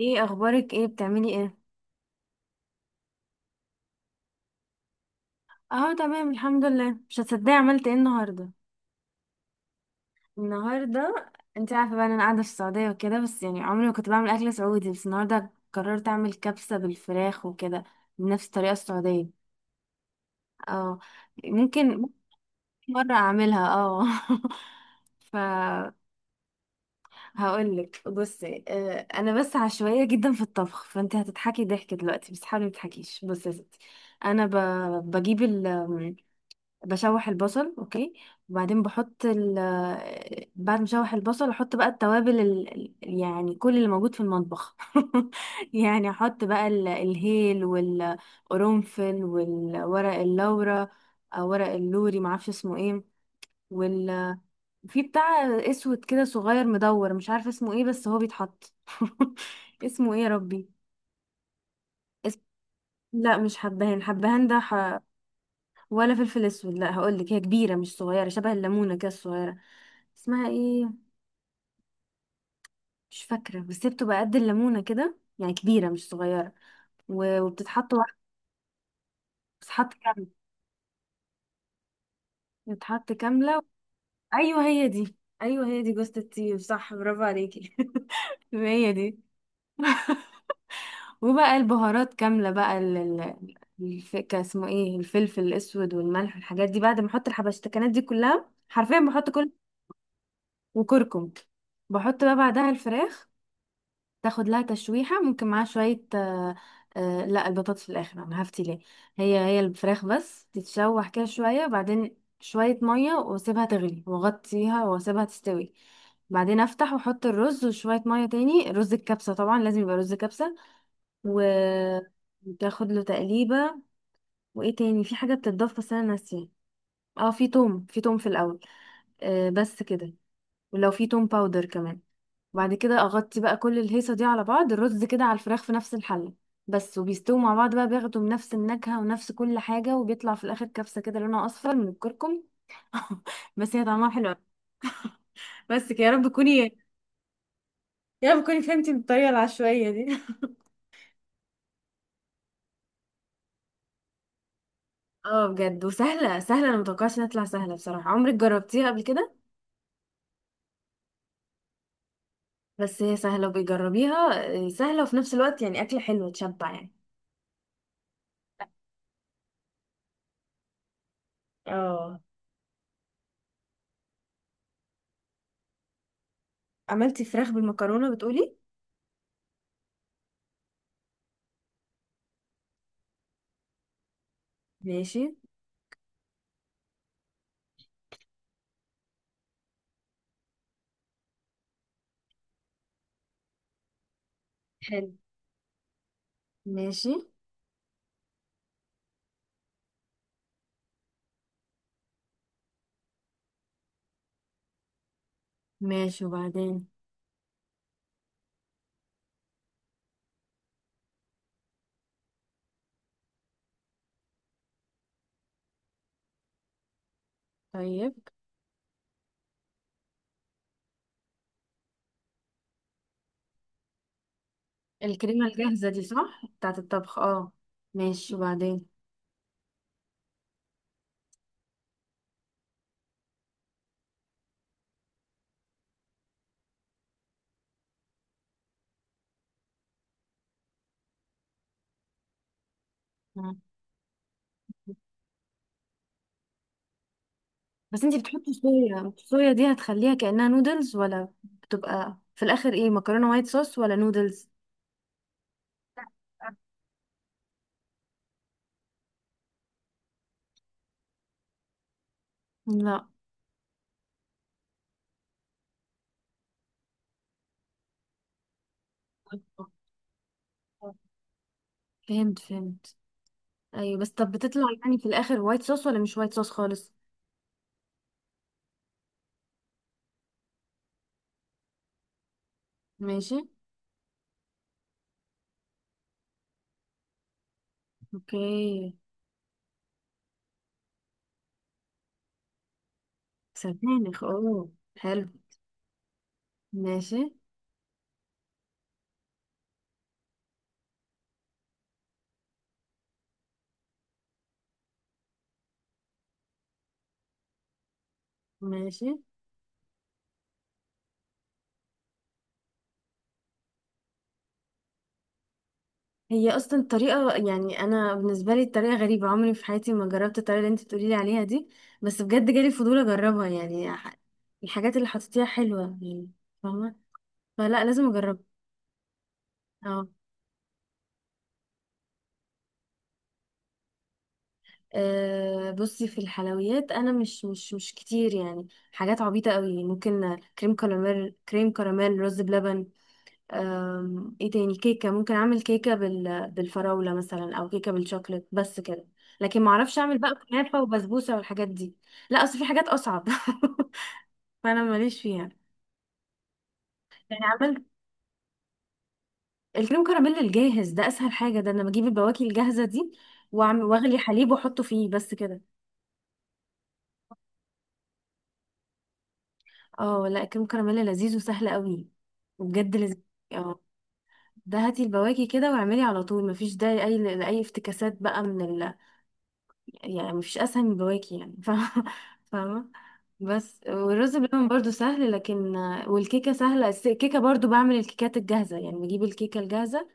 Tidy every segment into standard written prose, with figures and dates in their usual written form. ايه اخبارك، ايه بتعملي، ايه؟ اه، تمام الحمد لله. مش هتصدقي عملت ايه النهارده. النهارده، انت عارفه بقى إن انا قاعده في السعوديه وكده، بس يعني عمري ما كنت بعمل اكل سعودي، بس النهارده قررت اعمل كبسه بالفراخ وكده، بنفس الطريقه السعوديه. اه. ممكن مره اعملها، اه. فهقول لك بصي، انا بس عشوائيه جدا في الطبخ، فانت هتضحكي ضحك دلوقتي بس حاولي ما تضحكيش. بصي يا ستي، انا ب... بجيب، بشوح البصل اوكي، وبعدين بحط ال آه، بعد ما اشوح البصل احط بقى التوابل يعني كل اللي موجود في المطبخ. يعني احط بقى الهيل والقرنفل والورق اللورا، او ورق اللوري معرفش اسمه ايه، وال في بتاع اسود كده صغير مدور مش عارفه اسمه ايه بس هو بيتحط. اسمه ايه يا ربي؟ اس... لا مش حبهان، حبهان ده ولا فلفل اسود، لا هقول لك هي كبيره مش صغيره، شبه الليمونه كده الصغيره، اسمها ايه، مش فاكره، بس هي بتبقى قد الليمونه كده يعني كبيره مش صغيره. و- وبتتحط واحده. بتتحط كامله. بتتحط كامله. ايوه هي دي. ايوه هي دي، جوزة الطيب، صح، برافو عليكي. هي دي. وبقى البهارات كامله، بقى كان اسمه ايه، الفلفل الاسود والملح والحاجات دي، بعد ما احط الحبشتكنات دي كلها حرفيا بحط كل، وكركم. بحط بقى بعدها الفراخ، تاخد لها تشويحة، ممكن معاها شوية، لا البطاطس في الآخر، أنا هفتي ليه. هي الفراخ بس تتشوح كده شوية، بعدين شوية مية واسيبها تغلي واغطيها واسيبها تستوي، بعدين افتح واحط الرز وشوية مية تاني، رز الكبسة طبعا لازم يبقى رز كبسة، و وتاخد له تقليبة. وايه تاني في حاجة بتتضاف بس انا ناسية. اه، في توم في الاول. آه، بس كده. ولو في توم باودر كمان. بعد كده اغطي بقى كل الهيصه دي على بعض، الرز كده على الفراخ في نفس الحله بس، وبيستووا مع بعض بقى، بياخدوا من نفس النكهه ونفس كل حاجه، وبيطلع في الاخر كبسه كده لونها اصفر من الكركم. بس هي طعمها حلو أوي. بس كده، يا رب تكوني فهمتي بالطريقه العشوائيه دي. اه، بجد. وسهله، سهله، انا متوقعش انها تطلع سهله بصراحه. عمرك جربتيها قبل كده؟ بس هي سهله، وبيجربيها، سهله، وفي نفس الوقت يعني اكله حلوه، تشبع يعني. اه. عملتي فراخ بالمكرونه بتقولي؟ ماشي. حلو. ماشي. ماشي وبعدين. طيب. الكريمة الجاهزة دي صح، بتاعة الطبخ، اه. ماشي وبعدين. مم. بس انتي بتحطي صويا، الصويا دي هتخليها كأنها نودلز، ولا بتبقى في الآخر ايه، مكرونة وايت صوص ولا نودلز؟ لا. فهمت فهمت. ايوه، بس طب بتطلع يعني في الآخر وايت صوص ولا مش وايت صوص خالص؟ ماشي. اوكي. سبانخ، اوه، حلو. ماشي. ماشي. هي اصلا طريقه، يعني انا بالنسبه لي الطريقه غريبه، عمري في حياتي ما جربت الطريقه اللي انت بتقولي لي عليها دي، بس بجد جالي فضول اجربها يعني، الحاجات اللي حطيتيها حلوه يعني، فاهمه، فلا لازم اجربها. اه. بصي، في الحلويات انا مش كتير يعني، حاجات عبيطه قوي، ممكن كريم كراميل، كريم كراميل، رز بلبن، ايه تاني، كيكة، ممكن اعمل كيكة بالفراولة مثلا، او كيكة بالشوكليت، بس كده. لكن ما اعرفش اعمل بقى كنافة وبسبوسة والحاجات دي. لا، اصل في حاجات اصعب، فانا ماليش فيها. يعني عملت، الكريم كراميل الجاهز ده اسهل حاجة، ده انا بجيب البواكي الجاهزة دي واعمل، واغلي حليب واحطه فيه، بس كده. اه، لا، الكريم كراميل لذيذ وسهل قوي، وبجد لذيذ. اه، ده هاتي البواكي كده واعملي على طول، مفيش ده اي افتكاسات بقى من يعني مفيش اسهل من بواكي يعني. فاهمة فاهمة. بس، والرز بلبن برضو سهل، لكن، والكيكة سهلة الكيكة برضو بعمل الكيكات الجاهزة، يعني بجيب الكيكة الجاهزة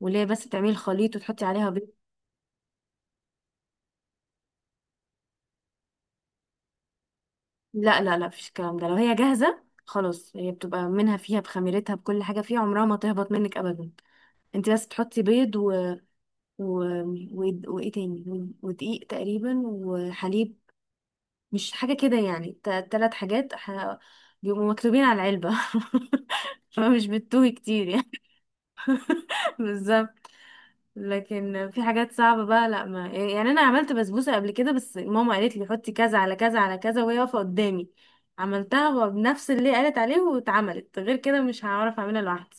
واللي هي بس تعملي الخليط وتحطي عليها بيض. لا لا لا، مفيش الكلام ده، لو هي جاهزة خلاص هي بتبقى منها فيها بخميرتها بكل حاجة فيها، عمرها ما تهبط منك أبدا. انت بس تحطي بيض و... وإيه تاني، و- ودقيق تقريبا وحليب، مش حاجة كده يعني، تلات حاجات، بيبقوا مكتوبين على العلبة. فمش بتتوه كتير يعني. بالظبط. لكن في حاجات صعبة بقى، لا ما يعني أنا عملت بسبوسة قبل كده، بس ماما قالت لي حطي كذا على كذا على كذا وهي واقفة قدامي، عملتها بنفس اللي قالت عليه، واتعملت غير كده. مش هعرف أعملها لوحدي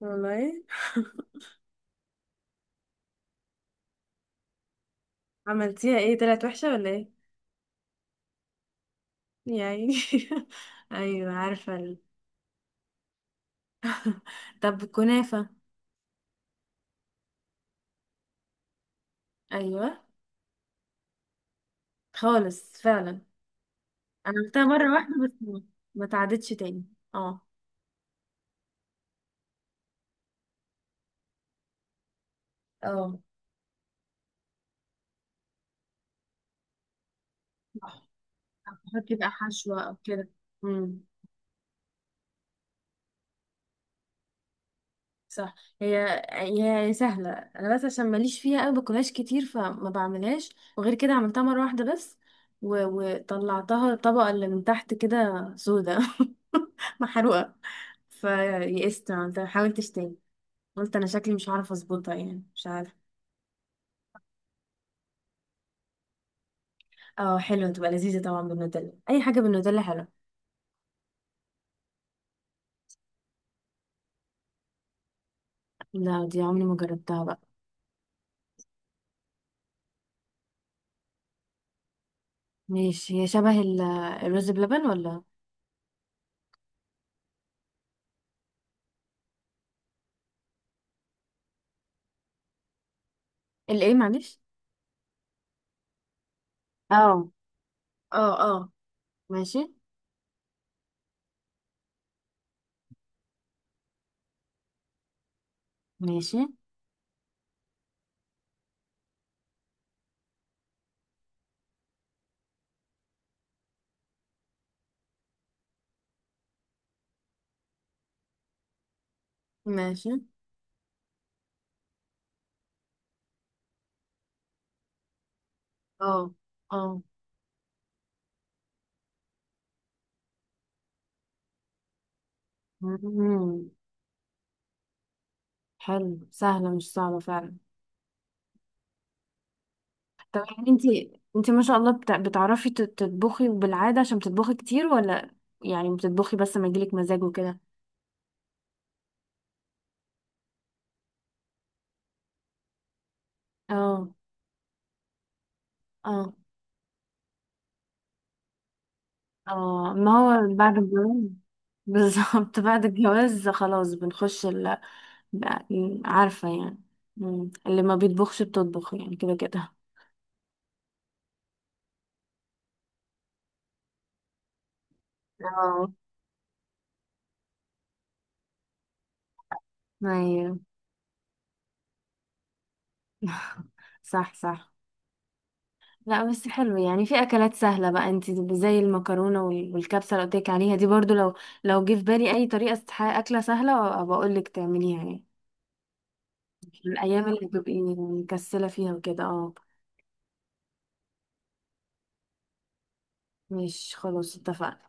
والله. عملتيها ايه، طلعت وحشة ولا ايه؟ يعني. ايوه عارفة طب كنافة. ايوه. خالص فعلا. انا عملتها مره واحده بس، ما اتعادتش تاني. اه. اه. صح. احط بقى حشوه او كده. امم. صح. هي سهله انا بس عشان ماليش فيها قوي، باكلهاش كتير فما بعملهاش، وغير كده عملتها مره واحده بس، و... وطلعتها الطبقه اللي من تحت كده سودا، محروقه، فيئست عملتها حاولتش تاني، قلت انا شكلي مش هعرف اظبطها يعني، مش عارفه. اه، حلوه، تبقى لذيذه طبعا بالنوتيلا، اي حاجه بالنوتيلا حلوه. لا، دي عمري ما جربتها بقى. ماشي، هي شبه الرز بلبن ولا؟ الايه، معلش. اه اه اه. ماشي. ماشي. ماشي. اه اه. مم. حلو، سهلة مش صعبة فعلا. طب يعني انتي ما شاء الله بتعرفي تطبخي بالعادة عشان بتطبخي كتير، ولا يعني بتطبخي بس ما يجيلك مزاج وكده؟ اه. اه. اه، ما هو بعد الجواز. بالظبط بعد الجواز خلاص بنخش عارفة يعني. مم. اللي ما بيطبخش بتطبخ يعني كده كده. اه. ايوه. صح صح. لا بس حلو يعني، في اكلات سهله بقى انت زي المكرونه وال- والكبسه اللي قلت لك عليها دي برضو، لو جه في بالي اي طريقه اكله سهله بقول لك تعمليها يعني، في الايام اللي بتبقي مكسله فيها وكده، اه. مش خلاص اتفقنا